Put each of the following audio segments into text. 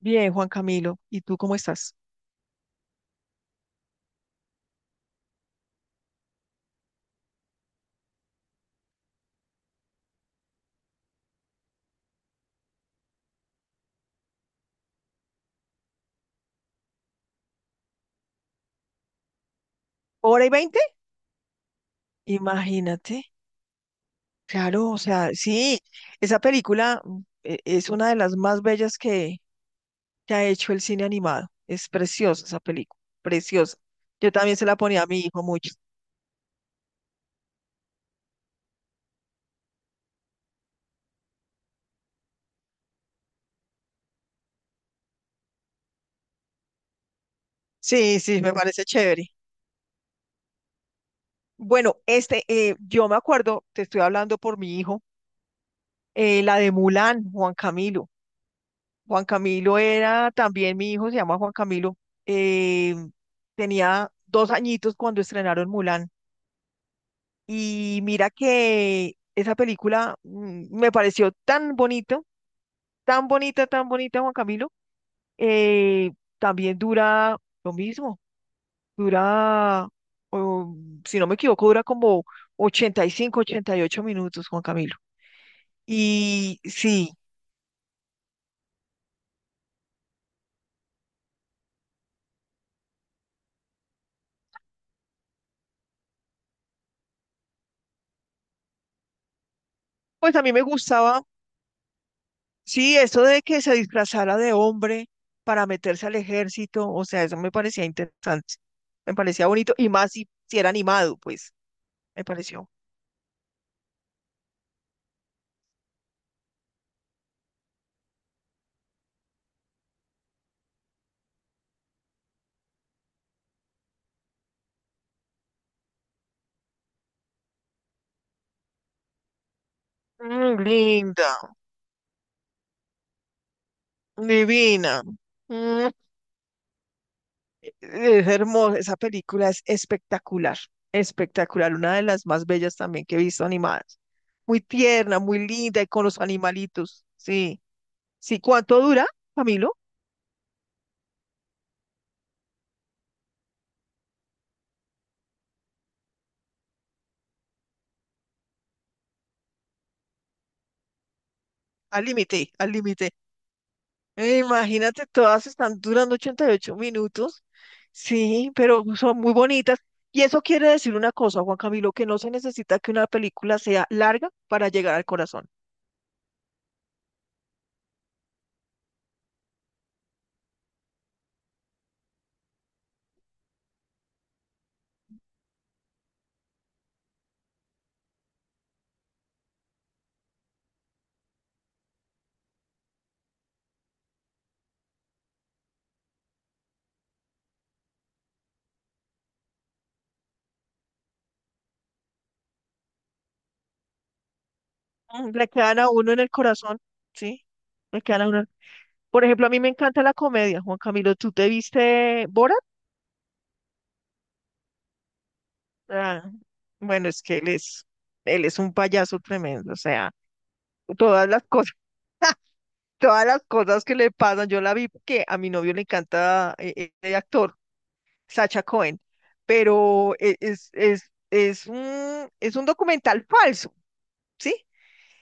Bien, Juan Camilo, ¿y tú cómo estás? ¿Hora y veinte? Imagínate. Claro, o sea, sí, esa película es una de las más bellas que ha hecho el cine animado. Es preciosa esa película, preciosa. Yo también se la ponía a mi hijo mucho. Sí, sí, me parece chévere. Bueno, este, yo me acuerdo, te estoy hablando por mi hijo, la de Mulan, Juan Camilo. Juan Camilo era también mi hijo, se llama Juan Camilo. eh, tenía 2 añitos cuando estrenaron Mulan. Y mira que esa película me pareció tan bonita, Juan Camilo. eh, también dura lo mismo, dura, oh, si no me equivoco, dura como 80 85, 88 minutos, Juan Camilo. Y sí, pues a mí me gustaba, sí, eso de que se disfrazara de hombre para meterse al ejército, o sea, eso me parecía interesante, me parecía bonito, y más si, si era animado, pues, me pareció. Mm, linda, divina. Mm, es hermosa, esa película es espectacular, espectacular, una de las más bellas también que he visto animadas. Muy tierna, muy linda y con los animalitos. Sí, sí, ¿cuánto dura, Camilo? Al límite, al límite. Imagínate, todas están durando 88 minutos. Sí, pero son muy bonitas. Y eso quiere decir una cosa, Juan Camilo, que no se necesita que una película sea larga para llegar al corazón. Le quedan a uno en el corazón, ¿sí? Le quedan a uno. Por ejemplo, a mí me encanta la comedia, Juan Camilo. ¿Tú te viste Borat? Ah, bueno, es que él es un payaso tremendo, o sea, todas las cosas. Todas las cosas que le pasan, yo la vi porque a mi novio le encanta el actor. Sacha Cohen, pero es un documental falso, ¿sí?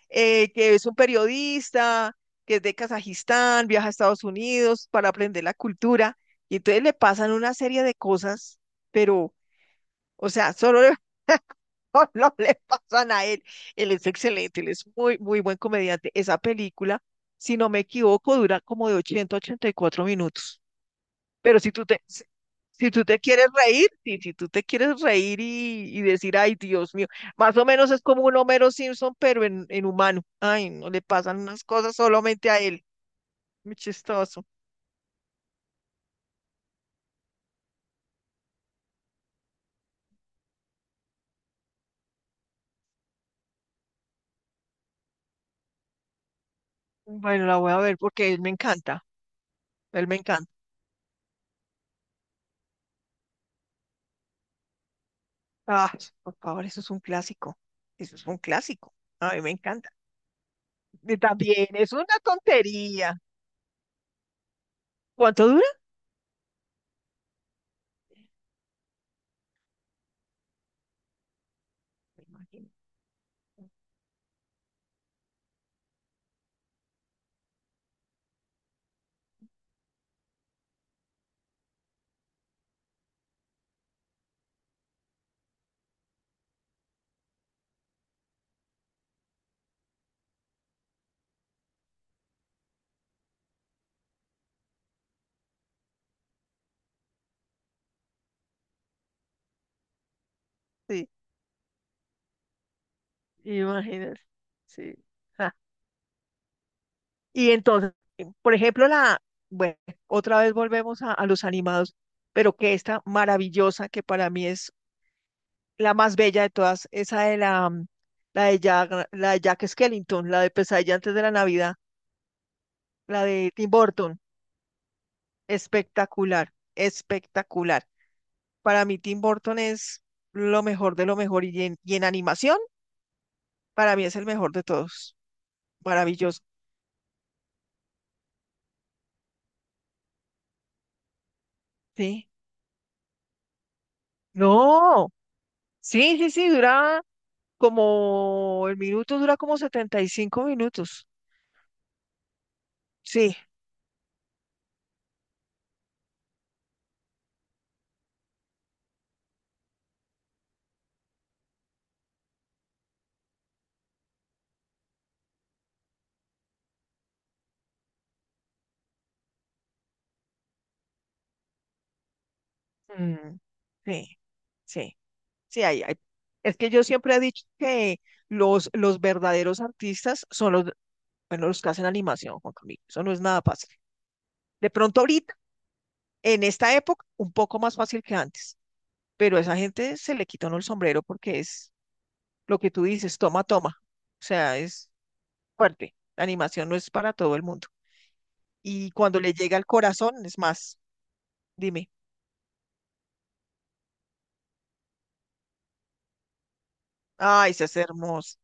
Que es un periodista que es de Kazajistán, viaja a Estados Unidos para aprender la cultura, y entonces le pasan una serie de cosas, pero, o sea, solo le, solo le pasan a él. Él es excelente, él es muy, muy buen comediante. Esa película, si no me equivoco, dura como de 80 a 84 minutos. Pero si tú te quieres reír, si tú te quieres reír y decir, ay, Dios mío, más o menos es como un Homero Simpson, pero en humano. Ay, no le pasan unas cosas solamente a él. Muy chistoso. Bueno, la voy a ver porque él me encanta. Él me encanta. Ah, por favor, eso es un clásico. Eso es un clásico. A mí me encanta. Y también es una tontería. ¿Cuánto dura? Me imagino. Sí, imagínate. Sí. Y entonces, por ejemplo, la, bueno, otra vez volvemos a los animados, pero que esta maravillosa, que para mí es la más bella de todas, esa de la, mm, la de Jack Skellington, la de Pesadilla antes de la Navidad, la de Tim Burton, espectacular, espectacular. Para mí Tim Burton es lo mejor de lo mejor y en animación, para mí es el mejor de todos. Maravilloso. Sí. No, sí, sí, sí, dura como el minuto dura como 75 minutos. Sí. Mm, sí, sí, sí, hay, hay. Es que yo siempre he dicho que los verdaderos artistas son los, bueno, los que hacen animación, Juan Camilo. Eso no es nada fácil. De pronto ahorita, en esta época, un poco más fácil que antes, pero a esa gente se le quitó el sombrero porque es lo que tú dices, toma, toma. O sea, es fuerte. La animación no es para todo el mundo. Y cuando le llega al corazón, es más. Dime. Ay, se hace hermoso.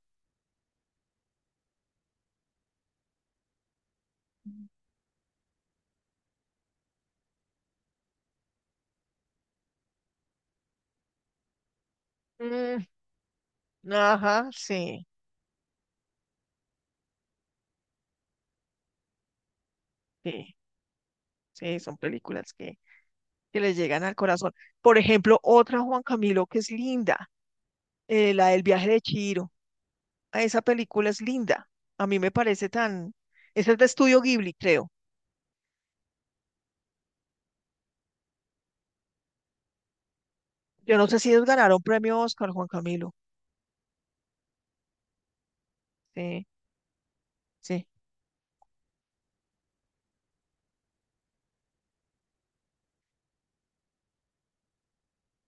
Mm, ajá, sí, sí, sí, son películas que les llegan al corazón. Por ejemplo, otra Juan Camilo que es linda, la del viaje de Chihiro. Ah, esa película es linda. A mí me parece tan... Esa es de Estudio Ghibli, creo. Yo no sé si ellos ganaron premio Oscar, Juan Camilo. Sí, sí,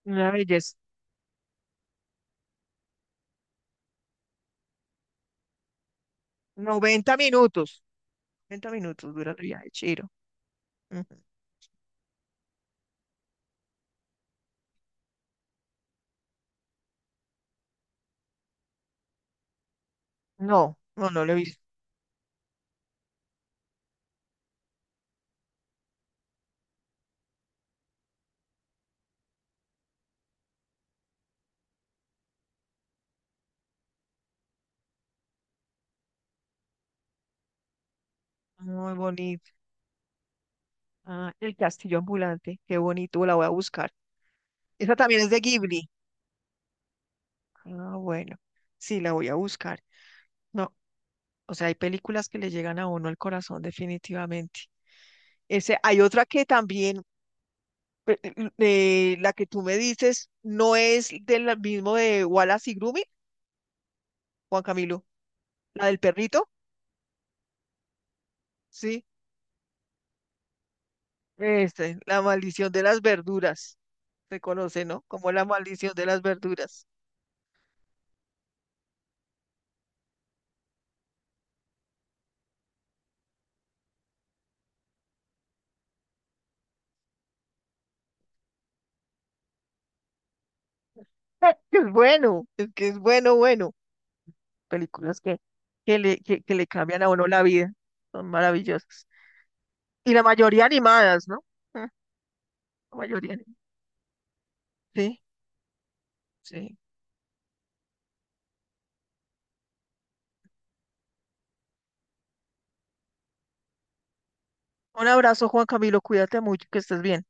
una belleza. 90 minutos. 90 minutos dura el viaje de Chihiro. Ujú. No, no, no lo he visto. Muy bonito. Ah, el castillo ambulante, qué bonito, la voy a buscar. Esa también es de Ghibli. Ah, bueno, sí, la voy a buscar. No, o sea, hay películas que le llegan a uno al corazón definitivamente. Ese, hay otra que también, la que tú me dices, no es del mismo de Wallace y Grumit, Juan Camilo, la del perrito, sí, este, la maldición de las verduras, se conoce, ¿no? Como la maldición de las verduras. Es es bueno, es que es bueno, bueno. Películas que le cambian a uno la vida. Son maravillosas. Y la mayoría animadas, ¿no? Mm, la mayoría. Sí, sí. Un abrazo, Juan Camilo. Cuídate mucho, que estés bien.